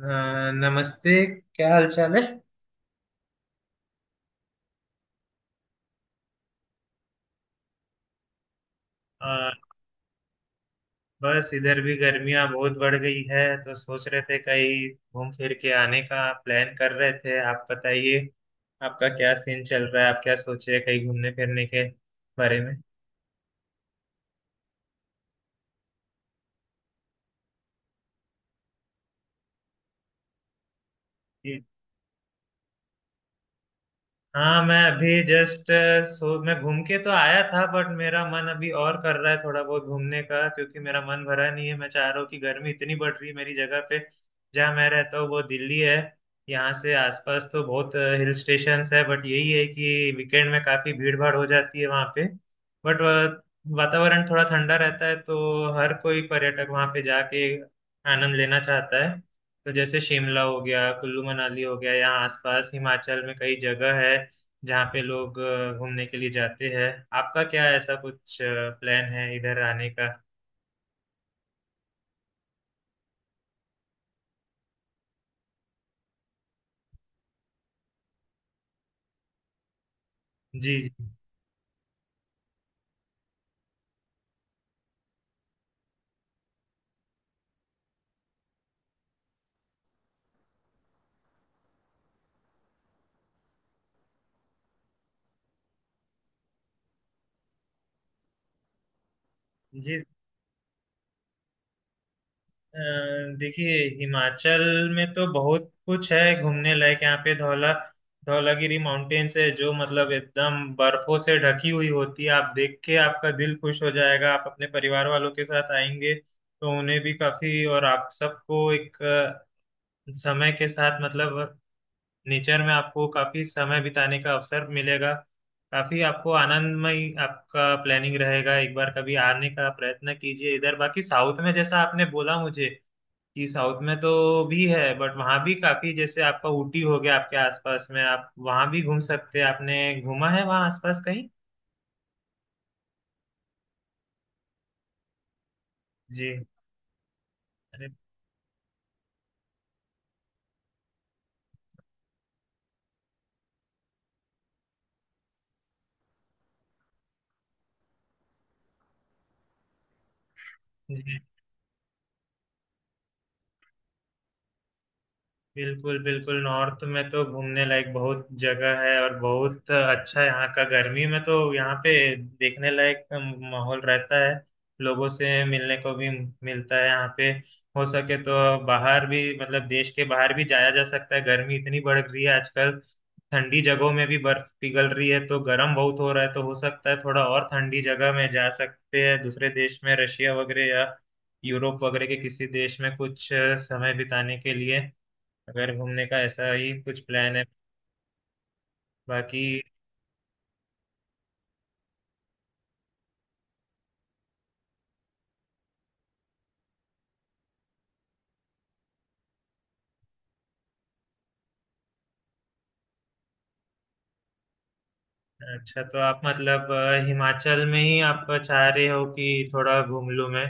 हाँ, नमस्ते। क्या हाल चाल है? आ, बस इधर भी गर्मियां बहुत बढ़ गई है, तो सोच रहे थे कहीं घूम फिर के आने का प्लान कर रहे थे। आप बताइए, आपका क्या सीन चल रहा है? आप क्या सोचे कहीं घूमने फिरने के बारे में? हाँ, मैं अभी जस्ट सो मैं घूम के तो आया था, बट मेरा मन अभी और कर रहा है थोड़ा बहुत घूमने का, क्योंकि मेरा मन भरा नहीं है। मैं चाह रहा हूँ कि गर्मी इतनी बढ़ रही है मेरी जगह पे। जहाँ मैं रहता हूँ वो दिल्ली है। यहाँ से आसपास तो बहुत हिल स्टेशंस है, बट यही है कि वीकेंड में काफी भीड़ भाड़ हो जाती है वहाँ पे। बट वातावरण थोड़ा ठंडा रहता है, तो हर कोई पर्यटक वहाँ पे जाके आनंद लेना चाहता है। तो जैसे शिमला हो गया, कुल्लू मनाली हो गया, यहाँ आसपास हिमाचल में कई जगह है जहाँ पे लोग घूमने के लिए जाते हैं। आपका क्या ऐसा कुछ प्लान है इधर आने का? जी जी जी। अ, देखिए, हिमाचल में तो बहुत कुछ है घूमने लायक। यहाँ पे धौला धौलागिरी माउंटेन्स है, जो मतलब एकदम बर्फों से ढकी हुई होती है। आप देख के आपका दिल खुश हो जाएगा। आप अपने परिवार वालों के साथ आएंगे तो उन्हें भी काफी, और आप सबको एक समय के साथ मतलब नेचर में आपको काफी समय बिताने का अवसर मिलेगा। काफी आपको आनंदमय आपका प्लानिंग रहेगा। एक बार कभी आने का प्रयत्न कीजिए इधर। बाकी साउथ में जैसा आपने बोला मुझे कि साउथ में तो भी है, बट वहाँ भी काफी जैसे आपका ऊटी हो गया, आपके आसपास में आप वहाँ भी घूम सकते हैं। आपने घूमा है वहाँ आसपास कहीं? जी। अरे जी। बिल्कुल बिल्कुल, नॉर्थ में तो घूमने लायक बहुत जगह है और बहुत अच्छा है यहाँ का। गर्मी में तो यहाँ पे देखने लायक माहौल रहता है। लोगों से मिलने को भी मिलता है यहाँ पे। हो सके तो बाहर भी, मतलब देश के बाहर भी जाया जा सकता है। गर्मी इतनी बढ़ रही है आजकल, ठंडी जगहों में भी बर्फ पिघल रही है, तो गर्म बहुत हो रहा है। तो हो सकता है थोड़ा और ठंडी जगह में जा सकते हैं दूसरे देश में, रशिया वगैरह या यूरोप वगैरह के किसी देश में, कुछ समय बिताने के लिए, अगर घूमने का ऐसा ही कुछ प्लान है। बाकी अच्छा, तो आप मतलब हिमाचल में ही आप चाह रहे हो कि थोड़ा घूम लूं मैं?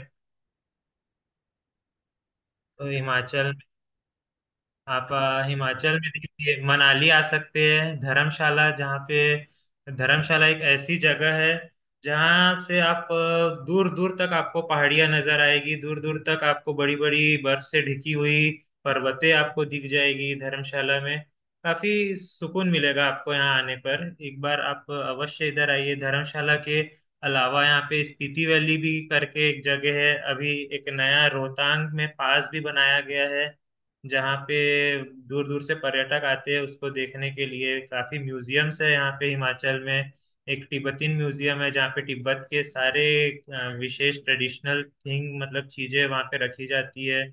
तो हिमाचल, आप हिमाचल में देखिए मनाली आ सकते हैं, धर्मशाला जहाँ पे। धर्मशाला एक ऐसी जगह है जहाँ से आप दूर दूर तक आपको पहाड़ियाँ नजर आएगी, दूर दूर तक आपको बड़ी बड़ी बर्फ से ढकी हुई पर्वतें आपको दिख जाएगी। धर्मशाला में काफी सुकून मिलेगा आपको यहाँ आने पर। एक बार आप अवश्य इधर आइए। धर्मशाला के अलावा यहाँ पे स्पीति वैली भी करके एक जगह है। अभी एक नया रोहतांग में पास भी बनाया गया है जहाँ पे दूर दूर से पर्यटक आते हैं उसको देखने के लिए। काफी म्यूजियम्स है यहाँ पे हिमाचल में। एक तिब्बतीन म्यूजियम है जहाँ पे तिब्बत के सारे विशेष ट्रेडिशनल थिंग, मतलब चीजें वहाँ पे रखी जाती है।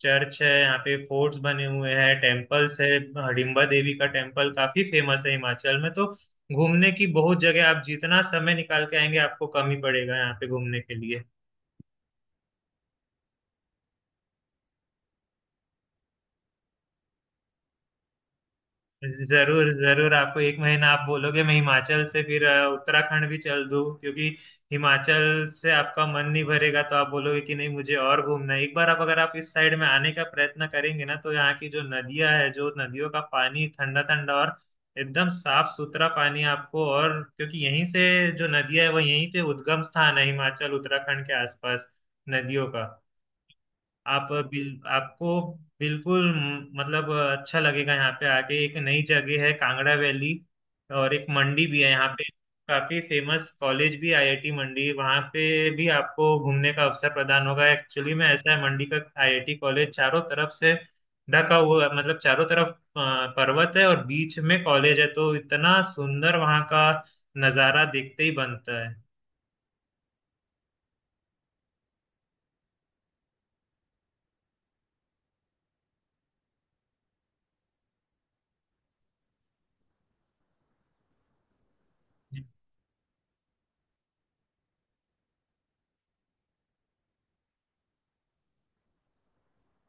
चर्च है यहाँ पे, फोर्ट्स बने हुए हैं, टेम्पल्स है। हडिम्बा देवी का टेम्पल काफी फेमस है हिमाचल में। तो घूमने की बहुत जगह, आप जितना समय निकाल के आएंगे आपको कम ही पड़ेगा यहाँ पे घूमने के लिए। जरूर जरूर, आपको एक महीना आप बोलोगे मैं हिमाचल से फिर उत्तराखंड भी चल दूं, क्योंकि हिमाचल से आपका मन नहीं भरेगा, तो आप बोलोगे कि नहीं मुझे और घूमना है। एक बार आप अगर आप इस साइड में आने का प्रयत्न करेंगे ना, तो यहाँ की जो नदियां है, जो नदियों का पानी ठंडा ठंडा और एकदम साफ सुथरा पानी आपको, और क्योंकि यहीं से जो नदियां है वो यहीं पे उद्गम स्थान है हिमाचल उत्तराखंड के आसपास, नदियों का। आप आपको बिल्कुल मतलब अच्छा लगेगा यहाँ पे आके। एक नई जगह है कांगड़ा वैली और एक मंडी भी है यहाँ पे। काफी फेमस कॉलेज भी आईआईटी मंडी, वहाँ पे भी आपको घूमने का अवसर प्रदान होगा। एक्चुअली में ऐसा है, मंडी का आईआईटी कॉलेज चारों तरफ से ढका हुआ है, मतलब चारों तरफ पर्वत है और बीच में कॉलेज है, तो इतना सुंदर वहाँ का नज़ारा देखते ही बनता है।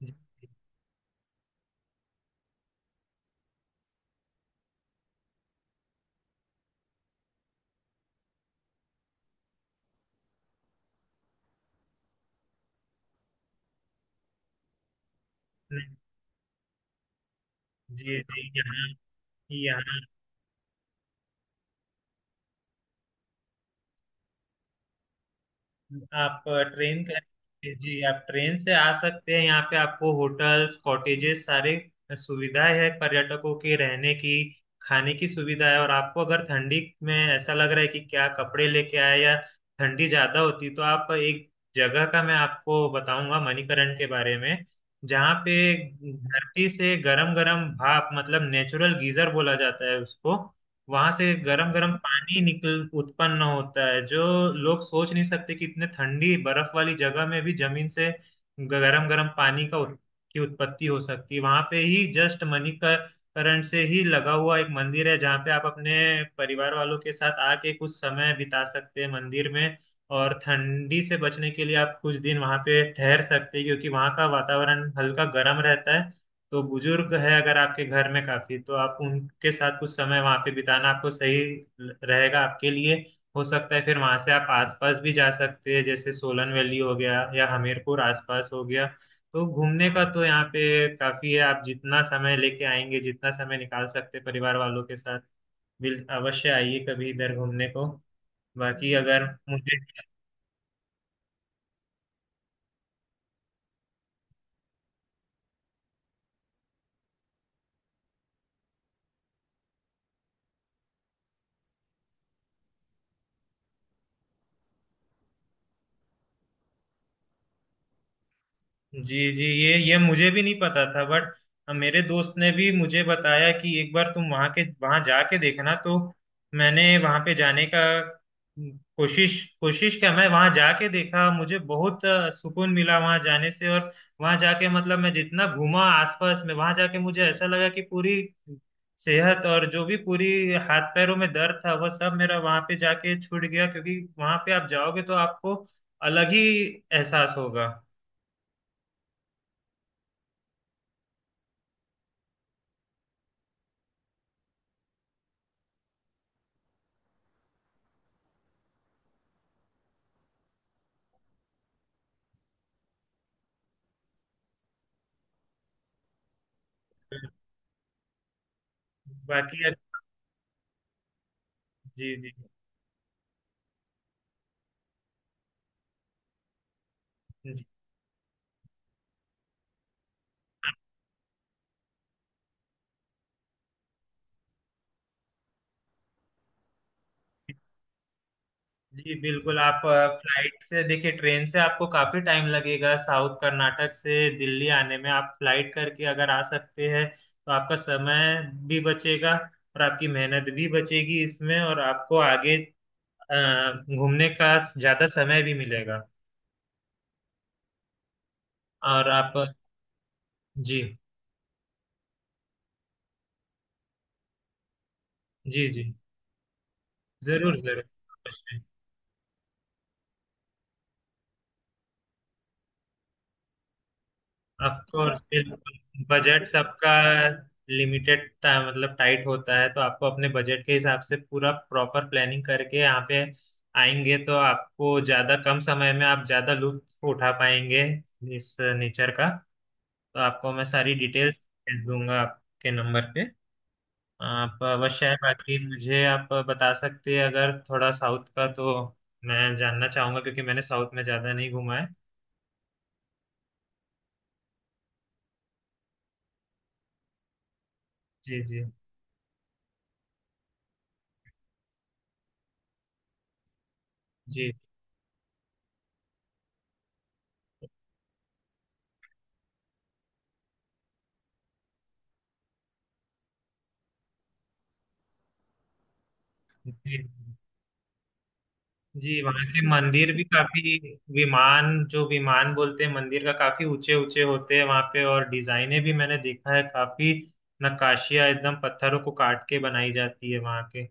जी जी जी, यहाँ यहाँ, आप ट्रेन का, जी आप ट्रेन से आ सकते हैं। यहाँ पे आपको होटल्स कॉटेजेस सारे सुविधाएं है पर्यटकों के रहने की, खाने की सुविधा है। और आपको अगर ठंडी में ऐसा लग रहा है कि क्या कपड़े लेके आए या ठंडी ज्यादा होती, तो आप एक जगह का मैं आपको बताऊंगा, मणिकरण के बारे में, जहाँ पे धरती से गरम गरम भाप, मतलब नेचुरल गीजर बोला जाता है उसको, वहां से गरम गरम पानी निकल उत्पन्न होता है। जो लोग सोच नहीं सकते कि इतने ठंडी बर्फ वाली जगह में भी जमीन से गरम गरम पानी का की उत्पत्ति हो सकती है। वहां पे ही जस्ट मणिकरण से ही लगा हुआ एक मंदिर है जहाँ पे आप अपने परिवार वालों के साथ आके कुछ समय बिता सकते हैं मंदिर में। और ठंडी से बचने के लिए आप कुछ दिन वहां पे ठहर सकते हैं, क्योंकि वहां का वातावरण हल्का गर्म रहता है। तो बुजुर्ग है अगर आपके घर में काफी, तो आप उनके साथ कुछ समय वहां पे बिताना आपको सही रहेगा आपके लिए। हो सकता है फिर वहां से आप आसपास भी जा सकते हैं, जैसे सोलन वैली हो गया या हमीरपुर आसपास हो गया। तो घूमने का तो यहाँ पे काफी है, आप जितना समय लेके आएंगे, जितना समय निकाल सकते हैं परिवार वालों के साथ, बिल अवश्य आइए कभी इधर घूमने को। बाकी अगर मुझे, जी जी, ये मुझे भी नहीं पता था बट मेरे दोस्त ने भी मुझे बताया कि एक बार तुम वहां के वहां जाके देखना। तो मैंने वहां पे जाने का कोशिश कोशिश किया, मैं वहां जाके देखा, मुझे बहुत सुकून मिला वहां जाने से। और वहां जाके मतलब मैं जितना घूमा आसपास में, वहां जाके मुझे ऐसा लगा कि पूरी सेहत, और जो भी पूरी हाथ पैरों में दर्द था वह सब मेरा वहां पे जाके छूट गया। क्योंकि वहां पे आप जाओगे तो आपको अलग ही एहसास होगा। बाकी जी जी। जी जी बिल्कुल, आप फ्लाइट से देखिए, ट्रेन से आपको काफी टाइम लगेगा साउथ कर्नाटक से दिल्ली आने में। आप फ्लाइट करके अगर आ सकते हैं तो आपका समय भी बचेगा और आपकी मेहनत भी बचेगी इसमें, और आपको आगे अ, घूमने का ज्यादा समय भी मिलेगा। और आप, जी, जी, जी, जरूर जरूर, ऑफ कोर्स बिल्कुल। बजट सबका लिमिटेड मतलब टाइट होता है, तो आपको अपने बजट के हिसाब से पूरा प्रॉपर प्लानिंग करके यहाँ पे आएंगे तो आपको ज्यादा, कम समय में आप ज्यादा लुत्फ उठा पाएंगे इस नेचर का। तो आपको मैं सारी डिटेल्स भेज दूंगा आपके नंबर पे। आप अवश्य है। बाकी मुझे आप बता सकते हैं अगर थोड़ा साउथ का, तो मैं जानना चाहूंगा, क्योंकि मैंने साउथ में ज्यादा नहीं घूमा है। जी। जी। जी जी। जी वहां के मंदिर भी काफी विमान, जो विमान बोलते हैं मंदिर का, काफी ऊंचे ऊंचे होते हैं वहां पे। और डिजाइने भी मैंने देखा है, काफी नक्काशियां एकदम पत्थरों को काट के बनाई जाती है वहां के।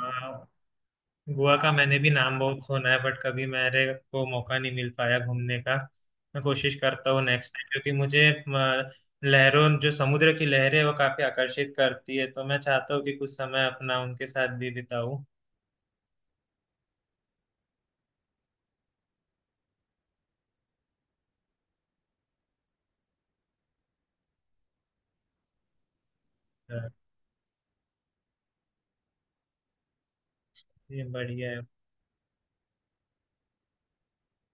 वहाँ गोवा का मैंने भी नाम बहुत सुना है, बट कभी मेरे को मौका नहीं मिल पाया घूमने का। मैं कोशिश करता हूँ नेक्स्ट टाइम, क्योंकि मुझे लहरों, जो समुद्र की लहरें हैं, वो काफी आकर्षित करती है, तो मैं चाहता हूँ कि कुछ समय अपना उनके साथ भी बिताऊं। अ, ये बढ़िया है।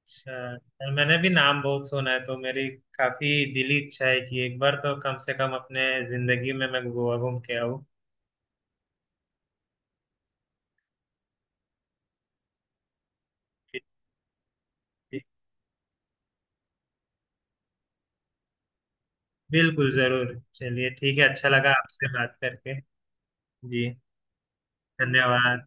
अच्छा सर, मैंने भी नाम बहुत सुना है, तो मेरी काफी दिली इच्छा है कि एक बार तो कम से कम अपने जिंदगी में मैं गोवा घूम के आऊँ। बिल्कुल जरूर, चलिए ठीक है, अच्छा लगा आपसे बात करके। जी धन्यवाद।